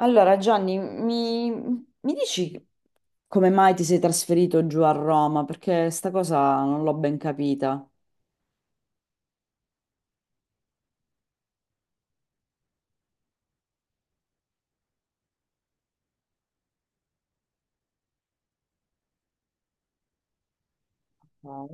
Allora, Gianni, mi dici come mai ti sei trasferito giù a Roma? Perché sta cosa non l'ho ben capita. Ok.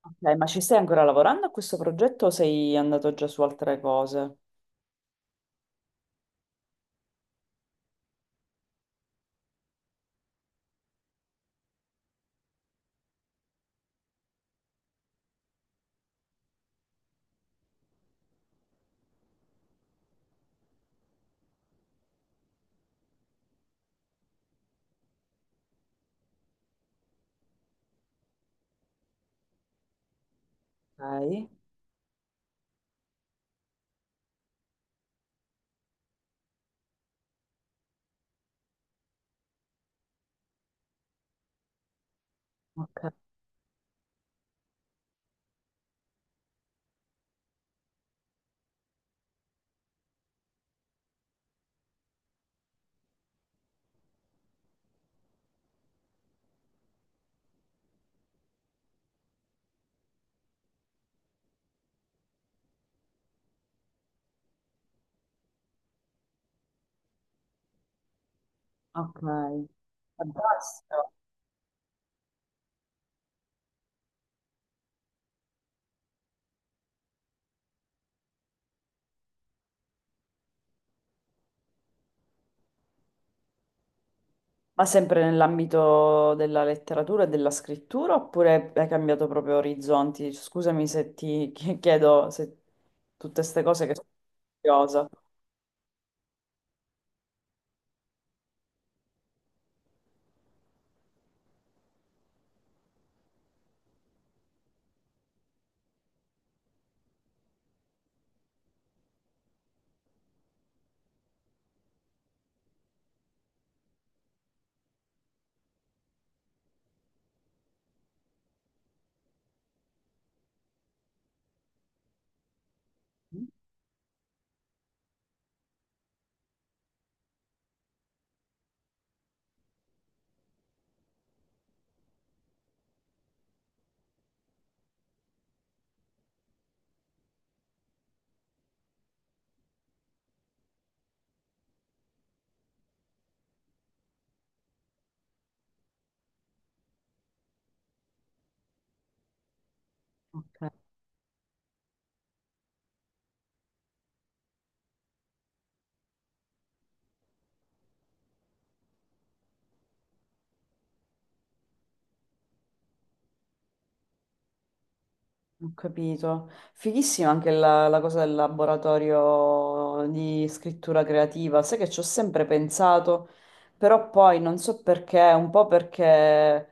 Ok, ma ci stai ancora lavorando a questo progetto o sei andato già su altre cose? Ok. Ok, ok. Fantastico. Ma sempre nell'ambito della letteratura e della scrittura oppure hai cambiato proprio orizzonti? Scusami se ti chiedo se tutte queste cose che sono curiosa. Ok. Ho capito. Fighissima anche la cosa del laboratorio di scrittura creativa. Sai che ci ho sempre pensato, però poi non so perché, un po' perché.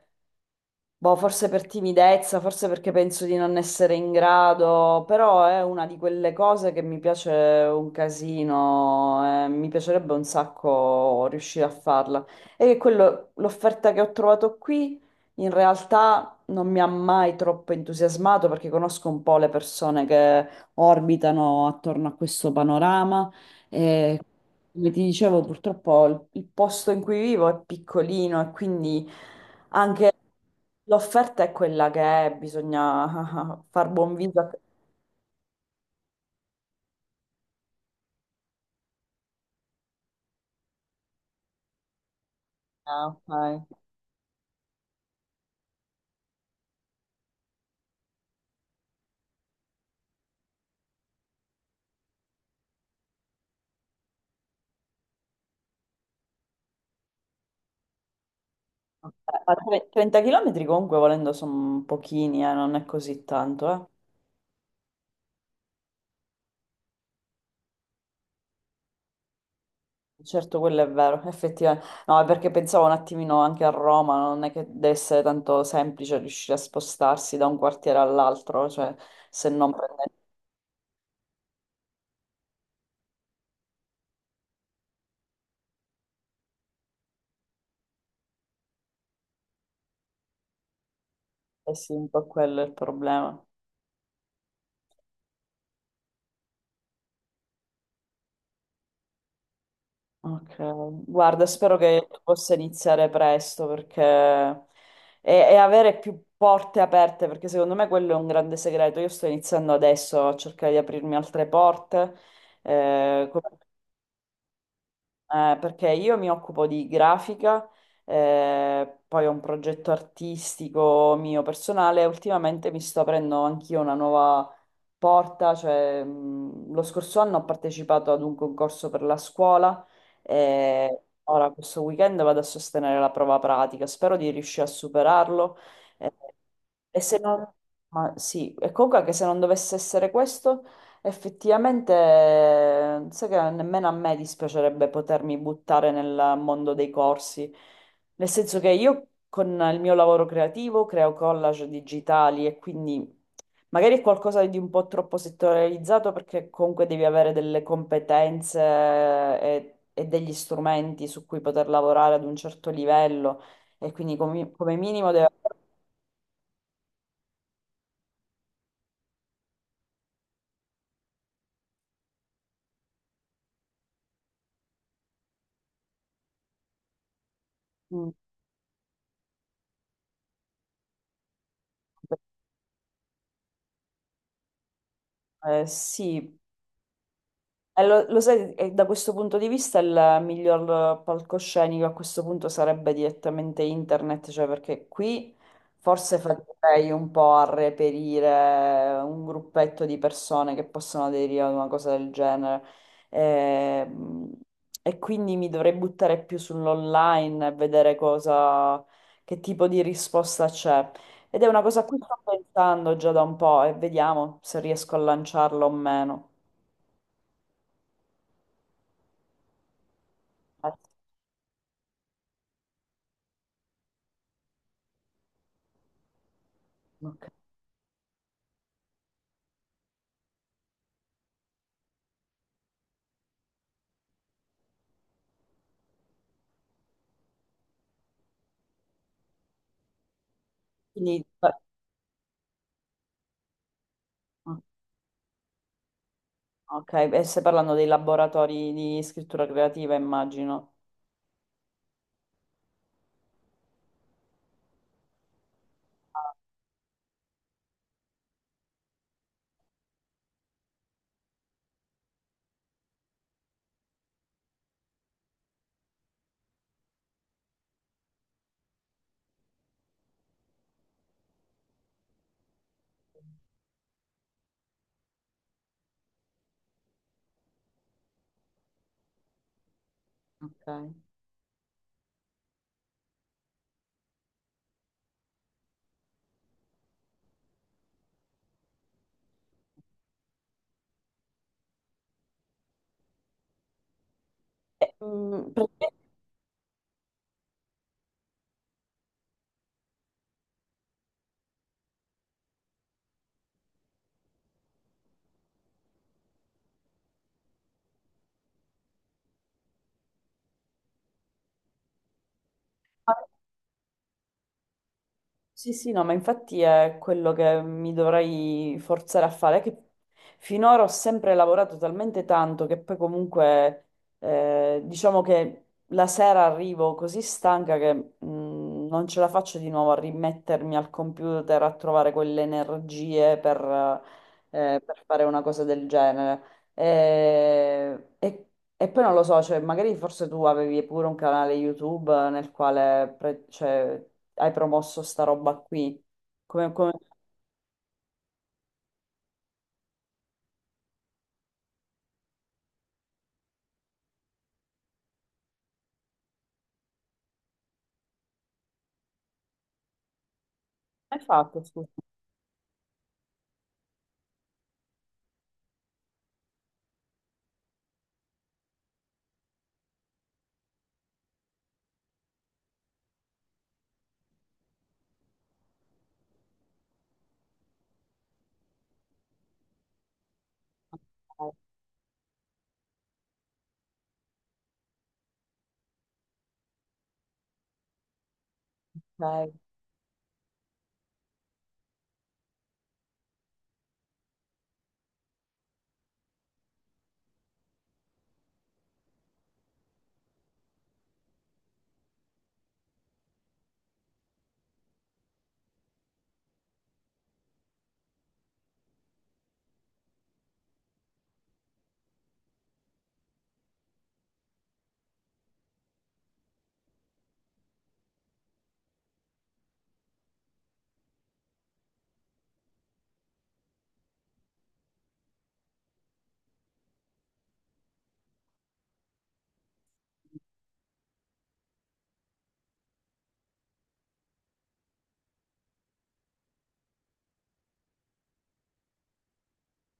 Boh, forse per timidezza, forse perché penso di non essere in grado, però è una di quelle cose che mi piace un casino, mi piacerebbe un sacco riuscire a farla. E che quello, l'offerta che ho trovato qui in realtà non mi ha mai troppo entusiasmato perché conosco un po' le persone che orbitano attorno a questo panorama e come ti dicevo, purtroppo il posto in cui vivo è piccolino e quindi. Anche l'offerta è quella che è, bisogna far buon viso. Ah, ok. Ok. 30 km comunque volendo sono pochini, non è così tanto. Eh. Certo, quello è vero, effettivamente. No, è perché pensavo un attimino anche a Roma, non è che deve essere tanto semplice riuscire a spostarsi da un quartiere all'altro, cioè se non prendete. Eh sì, un po' quello è il problema. Ok, guarda, spero che possa iniziare presto perché, e avere più porte aperte, perché secondo me quello è un grande segreto. Io sto iniziando adesso a cercare di aprirmi altre porte, come perché io mi occupo di grafica, poi ho un progetto artistico mio personale. Ultimamente mi sto aprendo anch'io una nuova porta, cioè, lo scorso anno ho partecipato ad un concorso per la scuola e ora questo weekend vado a sostenere la prova pratica. Spero di riuscire a superarlo. eh, e se non, ma sì, e comunque anche se non dovesse essere questo. Effettivamente, sai che nemmeno a me dispiacerebbe potermi buttare nel mondo dei corsi, nel senso che io con il mio lavoro creativo creo collage digitali e quindi magari è qualcosa di un po' troppo settorializzato perché comunque devi avere delle competenze e degli strumenti su cui poter lavorare ad un certo livello e quindi come, come minimo deve. Sì. Lo sai, da questo punto di vista il miglior palcoscenico a questo punto sarebbe direttamente internet, cioè perché qui forse farei un po' a reperire un gruppetto di persone che possono aderire ad una cosa del genere. Ehm, E quindi mi dovrei buttare più sull'online e vedere cosa, che tipo di risposta c'è. Ed è una cosa a cui sto pensando già da un po' e vediamo se riesco a lanciarlo o meno. Eh, Ok. Quindi, beh, mm, ok, e stai parlando dei laboratori di scrittura creativa, immagino. Ah, ok. E, Sì, sì, no, ma infatti è quello che mi dovrei forzare a fare, che finora ho sempre lavorato talmente tanto che poi comunque diciamo che la sera arrivo così stanca che non ce la faccio di nuovo a rimettermi al computer a trovare quelle energie per fare una cosa del genere. E e poi non lo so, cioè, magari forse tu avevi pure un canale YouTube nel quale, cioè, hai promosso sta roba qui? Come hai fatto? Scusa. Ok, ok,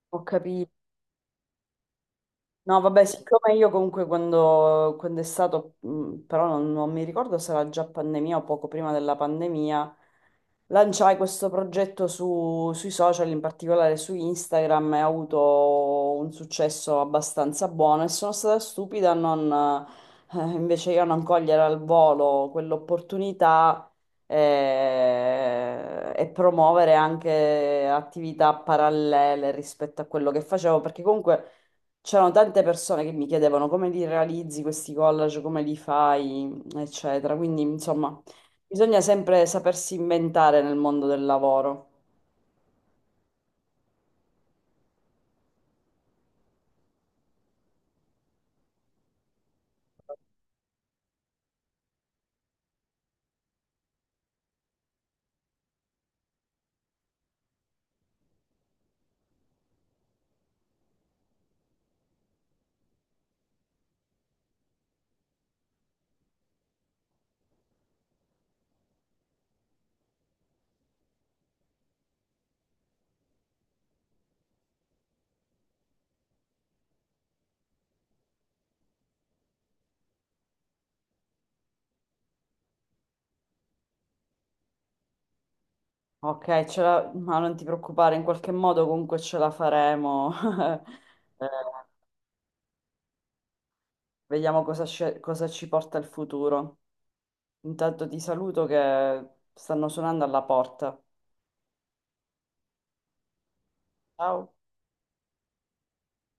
ho capito. No, vabbè, siccome io comunque quando è stato, però non mi ricordo se era già pandemia o poco prima della pandemia, lanciai questo progetto sui social, in particolare su Instagram, e ha avuto un successo abbastanza buono e sono stata stupida a non, invece io a non cogliere al volo quell'opportunità, e promuovere anche attività parallele rispetto a quello che facevo, perché comunque. C'erano tante persone che mi chiedevano come li realizzi questi collage, come li fai, eccetera. Quindi, insomma, bisogna sempre sapersi inventare nel mondo del lavoro. Ok, ma non ti preoccupare, in qualche modo comunque ce la faremo. Eh, vediamo cosa, cosa ci porta il futuro. Intanto ti saluto che stanno suonando alla porta. Ciao.